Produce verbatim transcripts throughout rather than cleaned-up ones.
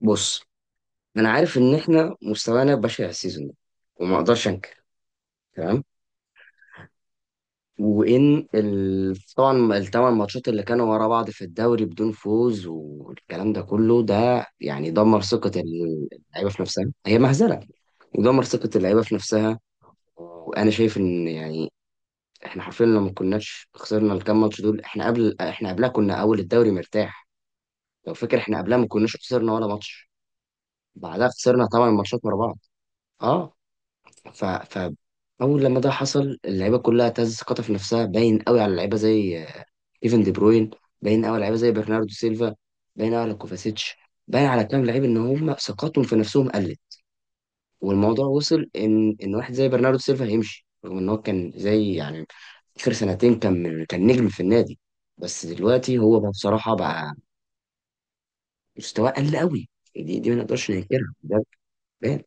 بص، انا عارف ان احنا مستوانا بشع السيزون ده وما اقدرش انكر. تمام. وان ال... طبعا الثمان ماتشات اللي كانوا ورا بعض في الدوري بدون فوز والكلام ده كله ده يعني دمر ثقة ال- اللعيبة في نفسها، هي مهزلة. ودمر ثقة اللعيبة في نفسها. وانا شايف ان يعني احنا حرفيا لو ما كناش خسرنا الكام ماتش دول، احنا قبل احنا قبلها كنا اول الدوري مرتاح. لو فاكر احنا قبلها ما كناش خسرنا ولا ماتش. بعدها خسرنا ثمان ماتشات ورا بعض. اه. ف ف اول لما ده حصل، اللعيبه كلها تهز ثقتها في نفسها. باين قوي على اللعيبه زي آه، كيفن دي بروين. باين قوي على لعيبه زي برناردو سيلفا. باين قوي على كوفاسيتش. باين على كام لعيب ان هم ثقتهم في نفسهم قلت. والموضوع وصل ان ان واحد زي برناردو سيلفا هيمشي، رغم ان هو كان زي يعني اخر سنتين كان من كان نجم في النادي. بس دلوقتي هو بقى بصراحه، بقى مستواه قل قوي. دي دي ما نقدرش ننكرها ده. باين.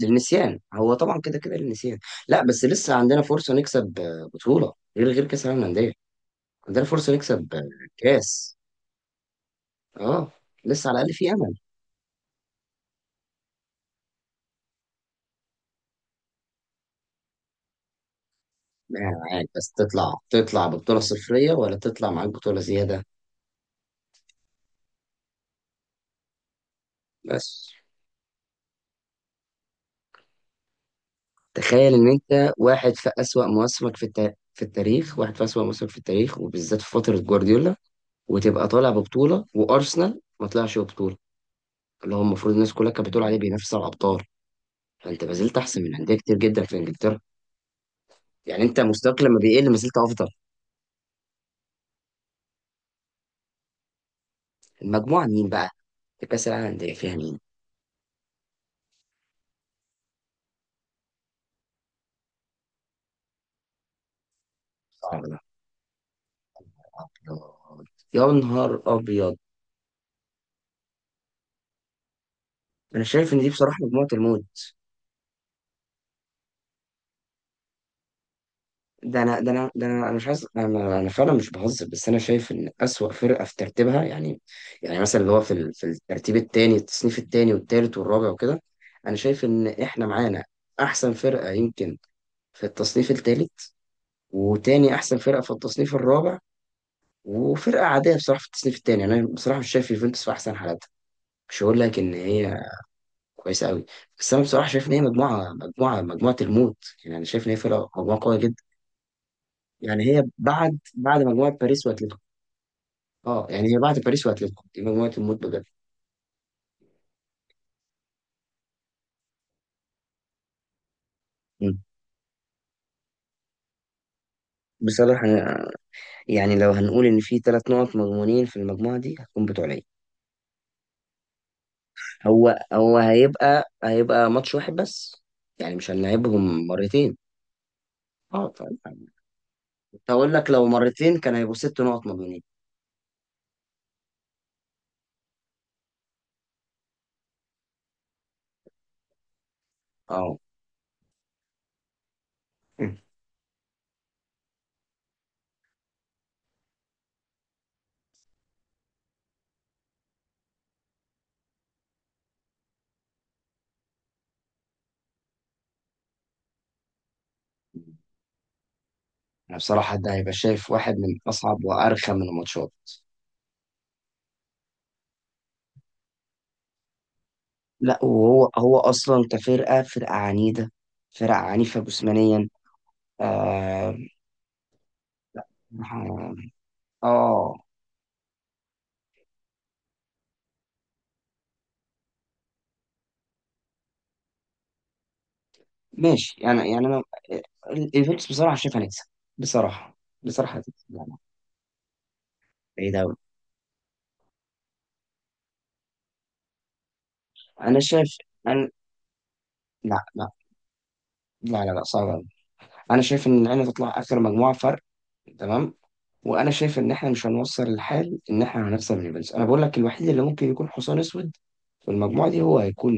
للنسيان. هو طبعا كده كده للنسيان. لا، بس لسه عندنا فرصة نكسب آه، بطولة غير غير كأس العالم للأندية. عندنا فرصة نكسب آه، كأس. اه. لسه على الأقل في أمل. معاك. بس تطلع تطلع ببطولة صفرية ولا تطلع معاك بطولة زيادة؟ بس. تخيل إن أنت واحد في أسوأ مواسمك في التا... في التاريخ. واحد في أسوأ مواسمك في التاريخ، وبالذات في فترة جوارديولا، وتبقى طالع ببطولة وأرسنال ما طلعش ببطولة. اللي هو المفروض الناس كلها كانت بتقول عليه بينافس على الأبطال. فأنت ما زلت أحسن من أندية كتير جدا في إنجلترا. يعني انت مستواك لما بيقل ما زلت افضل. المجموعه مين بقى؟ في كاس العالم الانديه فيها مين؟ صعب. يا نهار ابيض، يا نهار ابيض. انا شايف ان دي بصراحه مجموعه الموت. ده انا ده انا ده انا انا مش عايز، انا انا فعلا مش بهزر. بس انا شايف ان اسوأ فرقه في ترتيبها يعني. يعني مثلا اللي هو في ال- في الترتيب الثاني، التصنيف الثاني والثالث والرابع وكده. انا شايف ان احنا معانا احسن فرقه يمكن في التصنيف الثالث. وتاني احسن فرقه في التصنيف الرابع. وفرقه عاديه بصراحه في التصنيف الثاني. يعني انا بصراحه مش شايف يوفنتوس في احسن حالاتها. مش هقول لك ان هي كويسه قوي. بس انا بصراحه شايف ان هي مجموعه مجموعه مجموعه الموت. يعني انا شايف ان هي فرقه مجموعه قويه جدا. يعني هي بعد بعد مجموعه باريس واتلتيكو. اه، يعني هي بعد باريس واتلتيكو، دي مجموعه الموت بجد. مم. بصراحة أنا- يعني لو هنقول إن في ثلاث نقط مضمونين في المجموعة دي، هتكون بتوع العين. هو هو هيبقى هيبقى ماتش واحد بس. يعني مش هنلعبهم مرتين. اه، فاهم. كنت هقول لك لو مرتين كان هيبقوا ست نقط مضمونين. اه. أنا بصراحة ده هيبقى شايف واحد من أصعب وأرخم من الماتشات. لا، وهو هو أصلا كفرقة، فرقة عنيدة. فرقة عنيفة جسمانيا. آه, آه، ماشي، يعني يعني أنا. الإيفنتس بصراحة شايف هنكسب بصراحة. بصراحة هتكسب. لا، لا، بعيد أوي. أنا شايف، أنا لا، لا، لا، لا، لا، صعب أوي. أنا شايف إن العين تطلع آخر مجموعة فرق. تمام. وانا شايف ان احنا مش هنوصل الحال ان احنا هنخسر من البنز. انا بقول لك الوحيد اللي ممكن يكون حصان اسود في المجموعه دي هو هيكون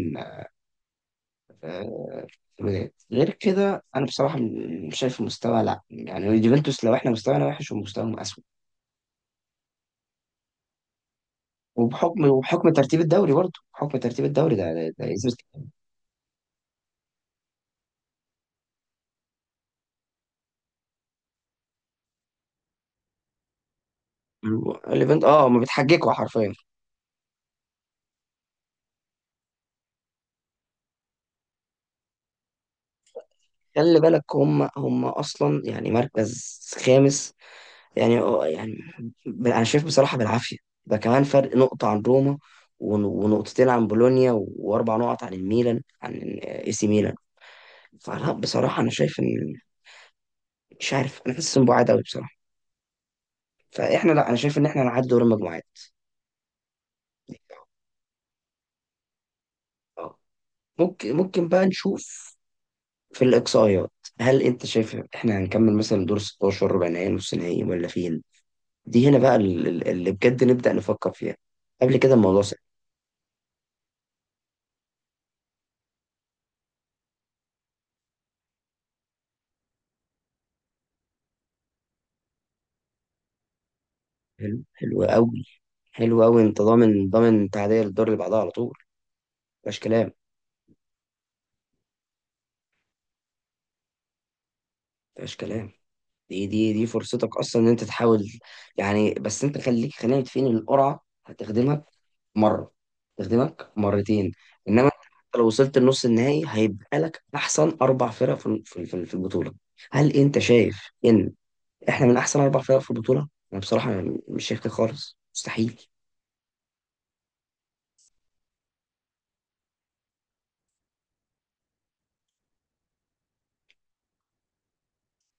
الوداد. غير كده انا بصراحه م- مش شايف المستوى. لا يعني اليوفنتوس لو احنا مستوانا وحش ومستواهم اسود. وبحكم وبحكم ترتيب الدوري، برضه بحكم ترتيب الدوري، ده ده, ده يثبت. الايفنت، اه، ما بتحججوا حرفيا. خلي بالك هم هم اصلا يعني مركز خامس. يعني، آه، يعني، ب- انا شايف بصراحه بالعافيه. ده كمان فرق نقطه عن روما. ون- ونقطتين عن بولونيا، واربع نقط عن الميلان، عن اي سي ميلان. فلا بصراحه انا شايف ان... مش عارف، انا حاسس ان بعاد قوي بصراحه. فاحنا، لا، انا شايف ان احنا نعدي دور المجموعات. آه. ممكن ممكن بقى نشوف في الاقصائيات. هل انت شايف احنا هنكمل مثلا دور ستاشر، ربع نهائي، نص نهائي، ولا فين؟ دي هنا بقى ال- ال- اللي بجد نبدا نفكر فيها. قبل كده الموضوع سهل. حلو، حلو قوي. حلو قوي، انت ضامن، ضامن تعدية للدور اللي بعدها على طول. مفيهاش كلام، مفيهاش كلام. دي دي دي فرصتك اصلا ان انت تحاول. يعني بس انت خليك خلينا متفقين ان القرعه هتخدمك مره، تخدمك مرتين. انما انت حتى لو وصلت لنص النهائي هيبقى لك احسن اربع فرق في في في في البطوله. هل انت شايف ان احنا من احسن اربع فرق في البطوله؟ انا بصراحه مش شايف كده خالص. مستحيل.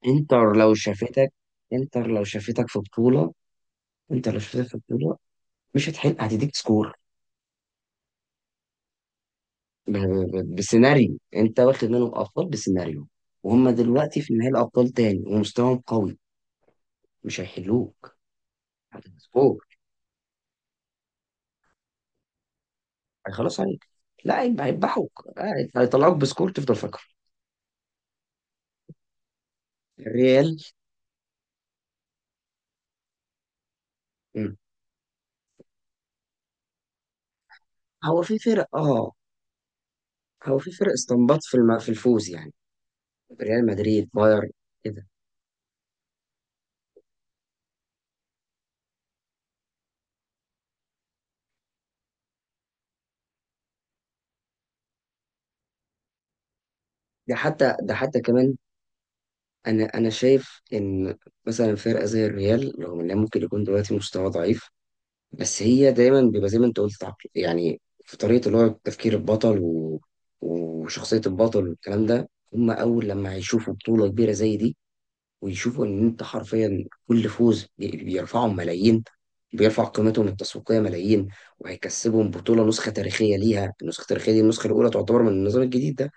انتر لو شافتك انتر لو شافتك في بطوله. انتر لو شافتك في بطوله مش هتحل، هتديك سكور. ب- ب- ب- بسيناريو انت واخد منهم ابطال، بسيناريو. وهم دلوقتي في نهائي الابطال تاني ومستواهم قوي. مش هيحلوك. هتديك سكور، هيخلص عليك. لا، هيبقى- هيذبحوك، آه، هيطلعوك بسكور تفضل فاكره. الريال. مم. هو في فرق، اه. هو في فرق استنباط في الم... في الفوز يعني. ريال مدريد، بايرن، كده. ده حتى، ده حتى كمان. انا انا شايف ان مثلا فرقه زي الريال، رغم انها ممكن يكون دلوقتي مستوى ضعيف. بس هي دايما بيبقى زي ما انت قلت عقل- يعني في طريقة اللي هو تفكير البطل و... وشخصية البطل والكلام ده، هم أول لما هيشوفوا بطولة كبيرة زي دي. ويشوفوا إن أنت حرفيا كل فوز بي- بيرفعهم ملايين. بيرفع قيمتهم التسويقية ملايين. وهيكسبهم بطولة نسخة تاريخية ليها. النسخة التاريخية دي، النسخة الأولى، تعتبر من النظام الجديد ده.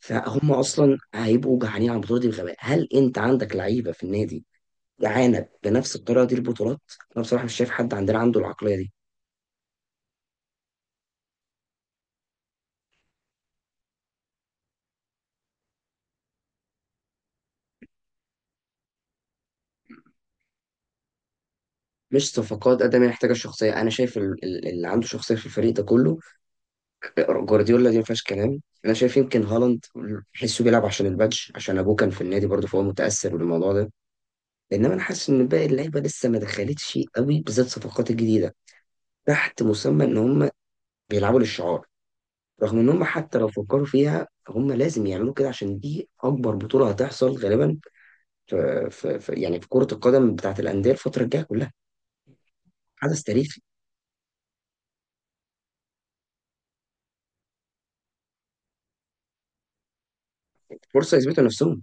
فهم أصلا هيبقوا جعانين على البطولة دي بغباء. هل أنت عندك لعيبة في النادي جعانة بنفس الطريقة دي البطولات؟ أنا بصراحة مش شايف حد عندنا عنده العقلية دي. مش صفقات قد ما هي محتاجه شخصيه. انا شايف ال- ال- اللي عنده شخصيه في الفريق ده كله. جوارديولا، دي ما فيهاش كلام. انا شايف يمكن هالاند حسه بيلعب عشان البادج، عشان ابوه كان في النادي برضه، فهو متاثر بالموضوع ده. انما انا حاسس ان باقي اللعيبه لسه ما دخلتش قوي، بالذات الصفقات الجديده. تحت مسمى ان هم بيلعبوا للشعار. رغم ان هم حتى لو فكروا فيها، هم لازم يعملوا كده عشان دي اكبر بطوله هتحصل غالبا. في في في- يعني في كره القدم بتاعت الانديه الفتره الجايه كلها. حدث تاريخي، فرصه يثبتوا نفسهم.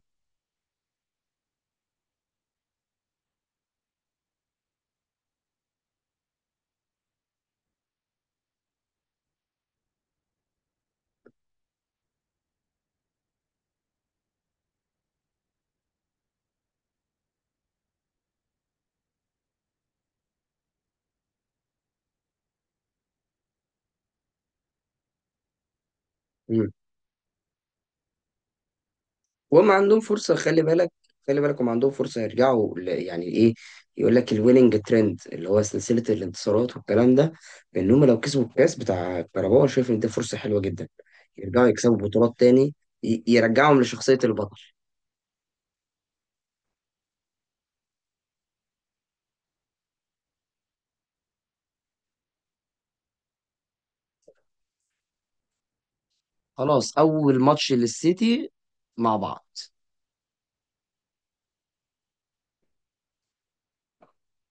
وهم عندهم فرصة، خلي بالك، خلي بالك هم عندهم فرصة يرجعوا ل- يعني ايه؟ يقول لك الويننج ترند، اللي هو سلسلة الانتصارات والكلام ده. ان هم لو كسبوا الكاس بتاع كاراباو، أنا شايف ان دي فرصة حلوة جدا. يرجعوا يكسبوا بطولات تاني. ي- يرجعهم لشخصية البطل. خلاص، اول ماتش للسيتي، مع بعض.